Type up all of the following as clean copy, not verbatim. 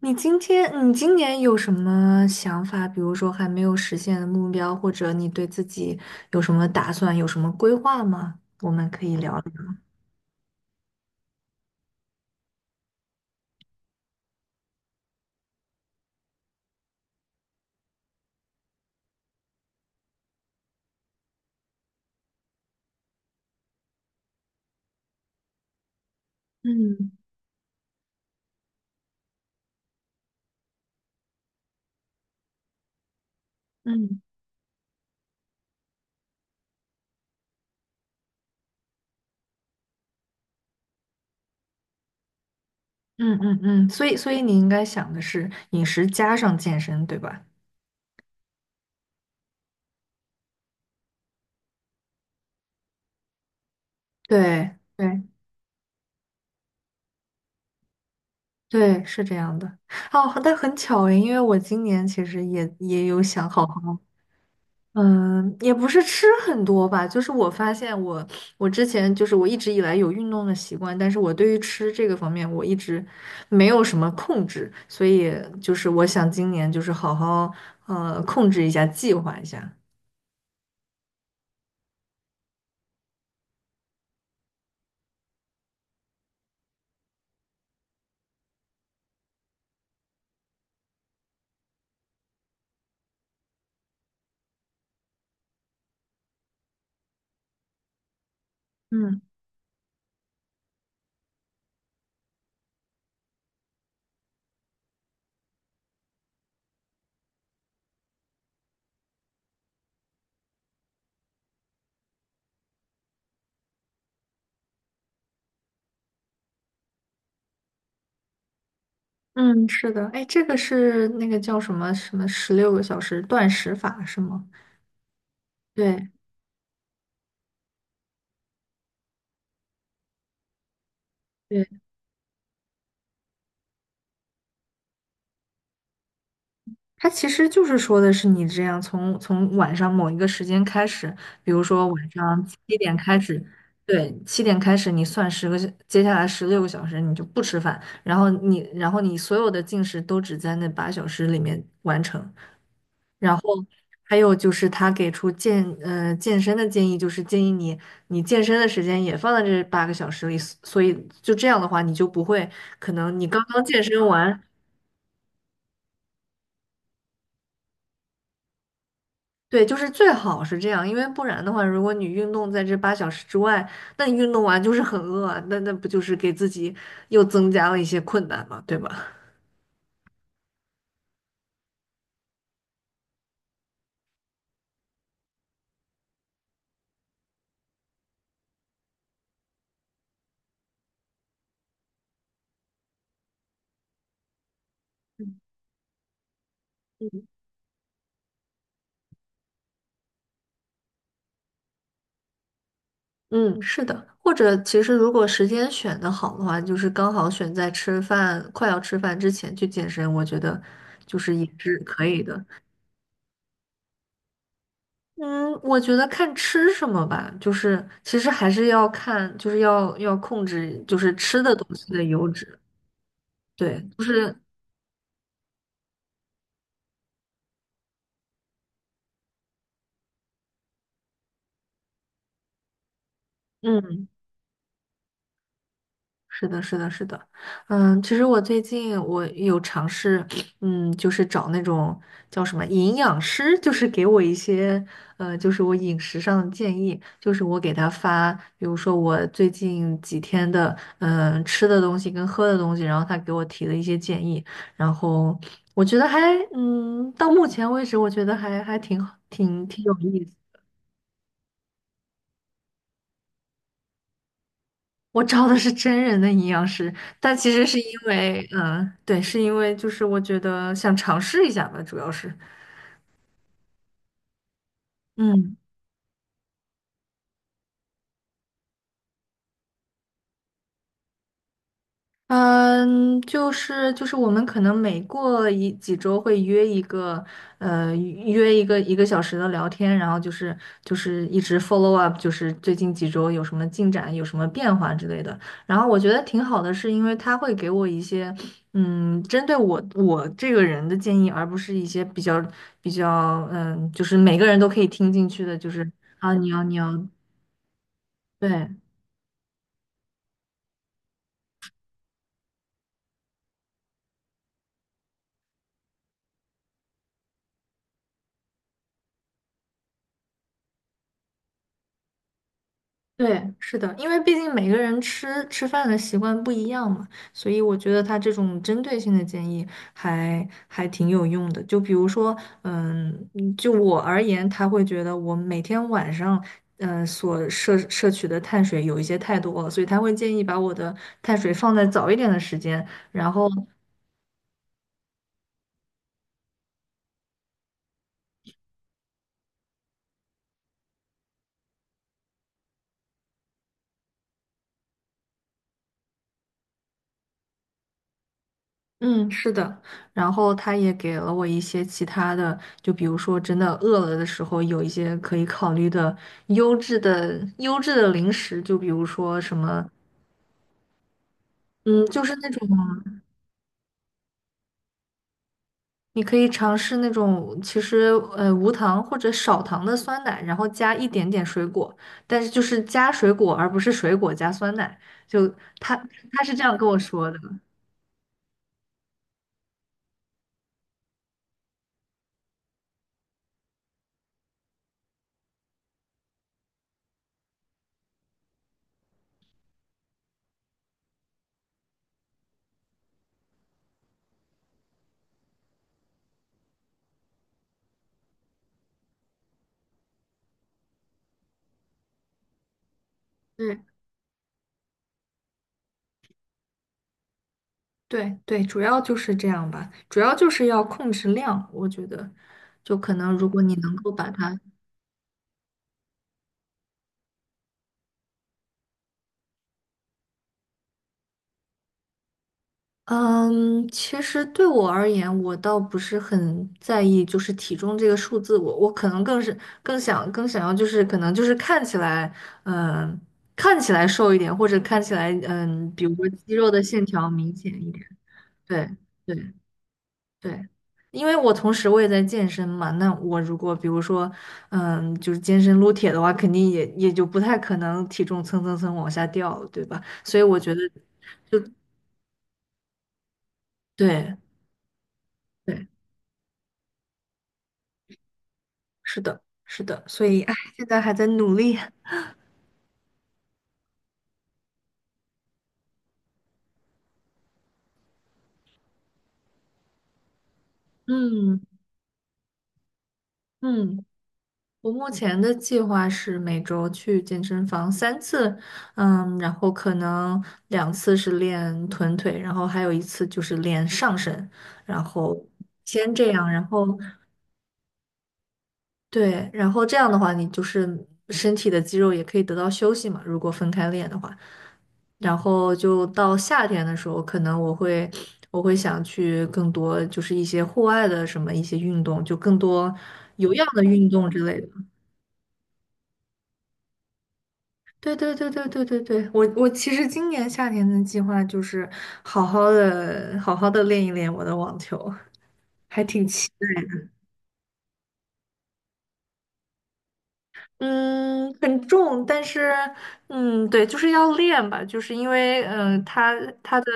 你今年有什么想法？比如说还没有实现的目标，或者你对自己有什么打算，有什么规划吗？我们可以聊聊。嗯嗯，嗯嗯嗯，所以你应该想的是饮食加上健身，对吧？对对对，是这样的。哦，但很巧诶，因为我今年其实也有想好好嗯，也不是吃很多吧，就是我发现我之前就是我一直以来有运动的习惯，但是我对于吃这个方面我一直没有什么控制，所以就是我想今年就是好好控制一下，计划一下。嗯嗯，是的，哎，这个是那个叫什么什么十六个小时断食法是吗？对。它其实就是说的是你这样从晚上某一个时间开始，比如说晚上七点开始，对，七点开始你算十个小，接下来十六个小时你就不吃饭，然后你所有的进食都只在那八小时里面完成。然后还有就是他给出健身的建议，就是建议你健身的时间也放在这8个小时里，所以就这样的话你就不会可能你刚刚健身完。对，就是最好是这样，因为不然的话，如果你运动在这八小时之外，那你运动完就是很饿啊，那不就是给自己又增加了一些困难嘛，对吧？嗯嗯嗯，是的，或者其实如果时间选的好的话，就是刚好选在快要吃饭之前去健身，我觉得就是也是可以的。嗯，我觉得看吃什么吧，就是其实还是要看，就是要控制，就是吃的东西的油脂。对，就是嗯。是的，是的，是的，其实我最近我有尝试，就是找那种叫什么营养师，就是给我一些，就是我饮食上的建议，就是我给他发，比如说我最近几天的，吃的东西跟喝的东西，然后他给我提了一些建议，然后我觉得到目前为止，我觉得还挺好挺有意思。我招的是真人的营养师，但其实是因为，对，是因为就是我觉得想尝试一下吧，主要是，嗯。嗯，就是我们可能每过一几周会约一个，呃，约一个一个小时的聊天，然后就是一直 follow up，就是最近几周有什么进展，有什么变化之类的。然后我觉得挺好的，是因为他会给我一些，针对我这个人的建议，而不是一些比较，就是每个人都可以听进去的，就是啊，你要对。对，是的，因为毕竟每个人吃饭的习惯不一样嘛，所以我觉得他这种针对性的建议还挺有用的。就比如说，就我而言，他会觉得我每天晚上，所摄取的碳水有一些太多了，所以他会建议把我的碳水放在早一点的时间，然后。嗯，是的，然后他也给了我一些其他的，就比如说真的饿了的时候，有一些可以考虑的优质的零食，就比如说什么，嗯，就是那种你可以尝试那种其实无糖或者少糖的酸奶，然后加一点点水果，但是就是加水果而不是水果加酸奶，就他他是这样跟我说的。嗯。对对，主要就是这样吧，主要就是要控制量，我觉得，就可能如果你能够把它，嗯，其实对我而言，我倒不是很在意就是体重这个数字，我可能更想要就是可能就是看起来，嗯，看起来瘦一点，或者看起来，比如说肌肉的线条明显一点，对对。对，因为我同时我也在健身嘛，那我如果比如说，就是健身撸铁的话，肯定也就不太可能体重蹭蹭蹭往下掉，对吧？所以我觉得就对对，是的，是的，所以哎，现在还在努力，嗯嗯，我目前的计划是每周去健身房3次，然后可能2次是练臀腿，然后还有一次就是练上身，然后先这样，然后。对，然后这样的话，你就是身体的肌肉也可以得到休息嘛，如果分开练的话。然后就到夏天的时候，可能我会想去更多就是一些户外的什么一些运动，就更多有氧的运动之类的。对对对对对对对，我其实今年夏天的计划就是好好的练一练我的网球，还挺期。嗯，很重，但是，对，就是要练吧，就是因为，嗯、他他的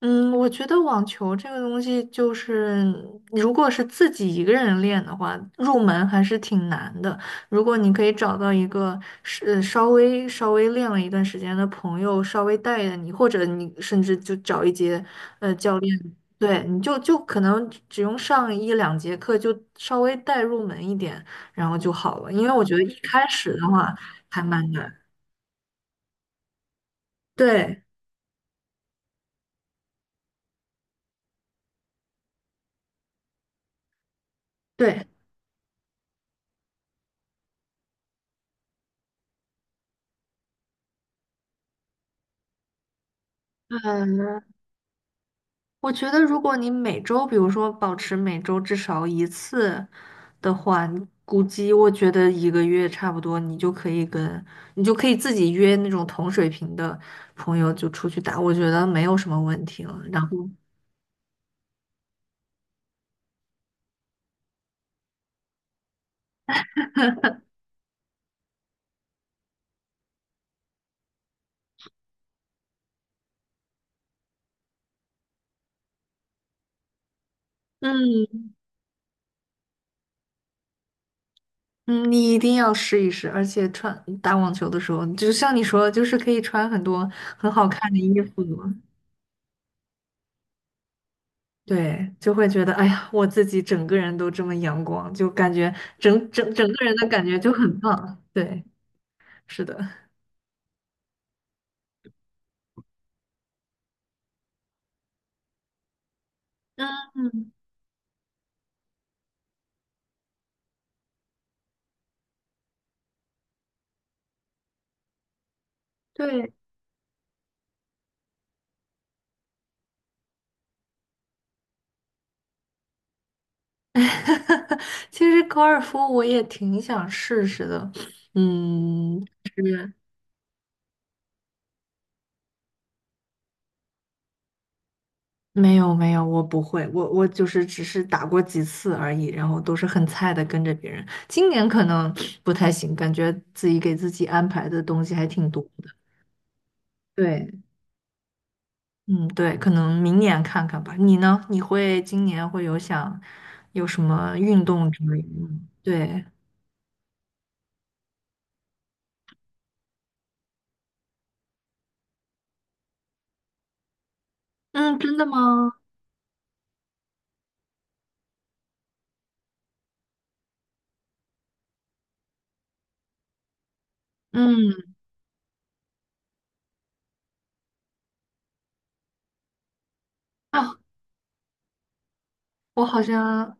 嗯，我觉得网球这个东西，就是如果是自己一个人练的话，入门还是挺难的。如果你可以找到一个稍微练了一段时间的朋友，稍微带着你，或者你甚至就找一节教练，对，你就可能只用上一两节课，就稍微带入门一点，然后就好了。因为我觉得一开始的话还蛮难。对对。嗯，我觉得，如果你每周，比如说保持每周至少一次的话，你估计我觉得一个月差不多，你就可以自己约那种同水平的朋友就出去打，我觉得没有什么问题了。然后，嗯嗯，你一定要试一试，而且打网球的时候，就像你说的，就是可以穿很多很好看的衣服嘛。对，就会觉得，哎呀，我自己整个人都这么阳光，就感觉整个人的感觉就很棒。对。是的，嗯，对，其实高尔夫我也挺想试试的，嗯，是没有没有，我不会，我就是只是打过几次而已，然后都是很菜的跟着别人。今年可能不太行，感觉自己给自己安排的东西还挺多的。对，嗯，对，可能明年看看吧。你呢？你会今年会有什么运动之类的吗？对，嗯，真的吗？嗯。啊。我好像，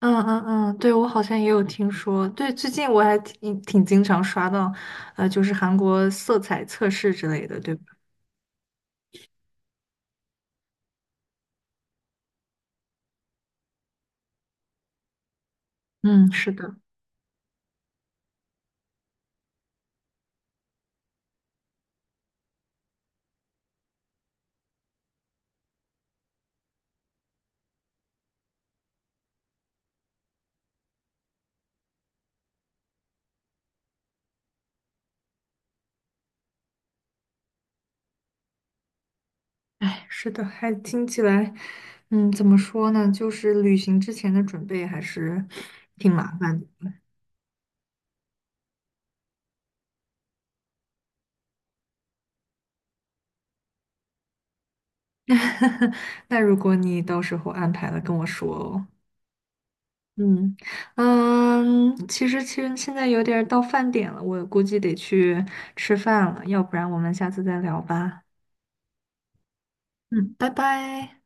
嗯嗯嗯，对，我好像也有听说。对，最近我还挺经常刷到，就是韩国色彩测试之类的，对吧？嗯，是的。哎，是的，还听起来，怎么说呢？就是旅行之前的准备还是挺麻烦的。那如果你到时候安排了，跟我说哦。嗯其实现在有点儿到饭点了，我估计得去吃饭了，要不然我们下次再聊吧。嗯，拜拜。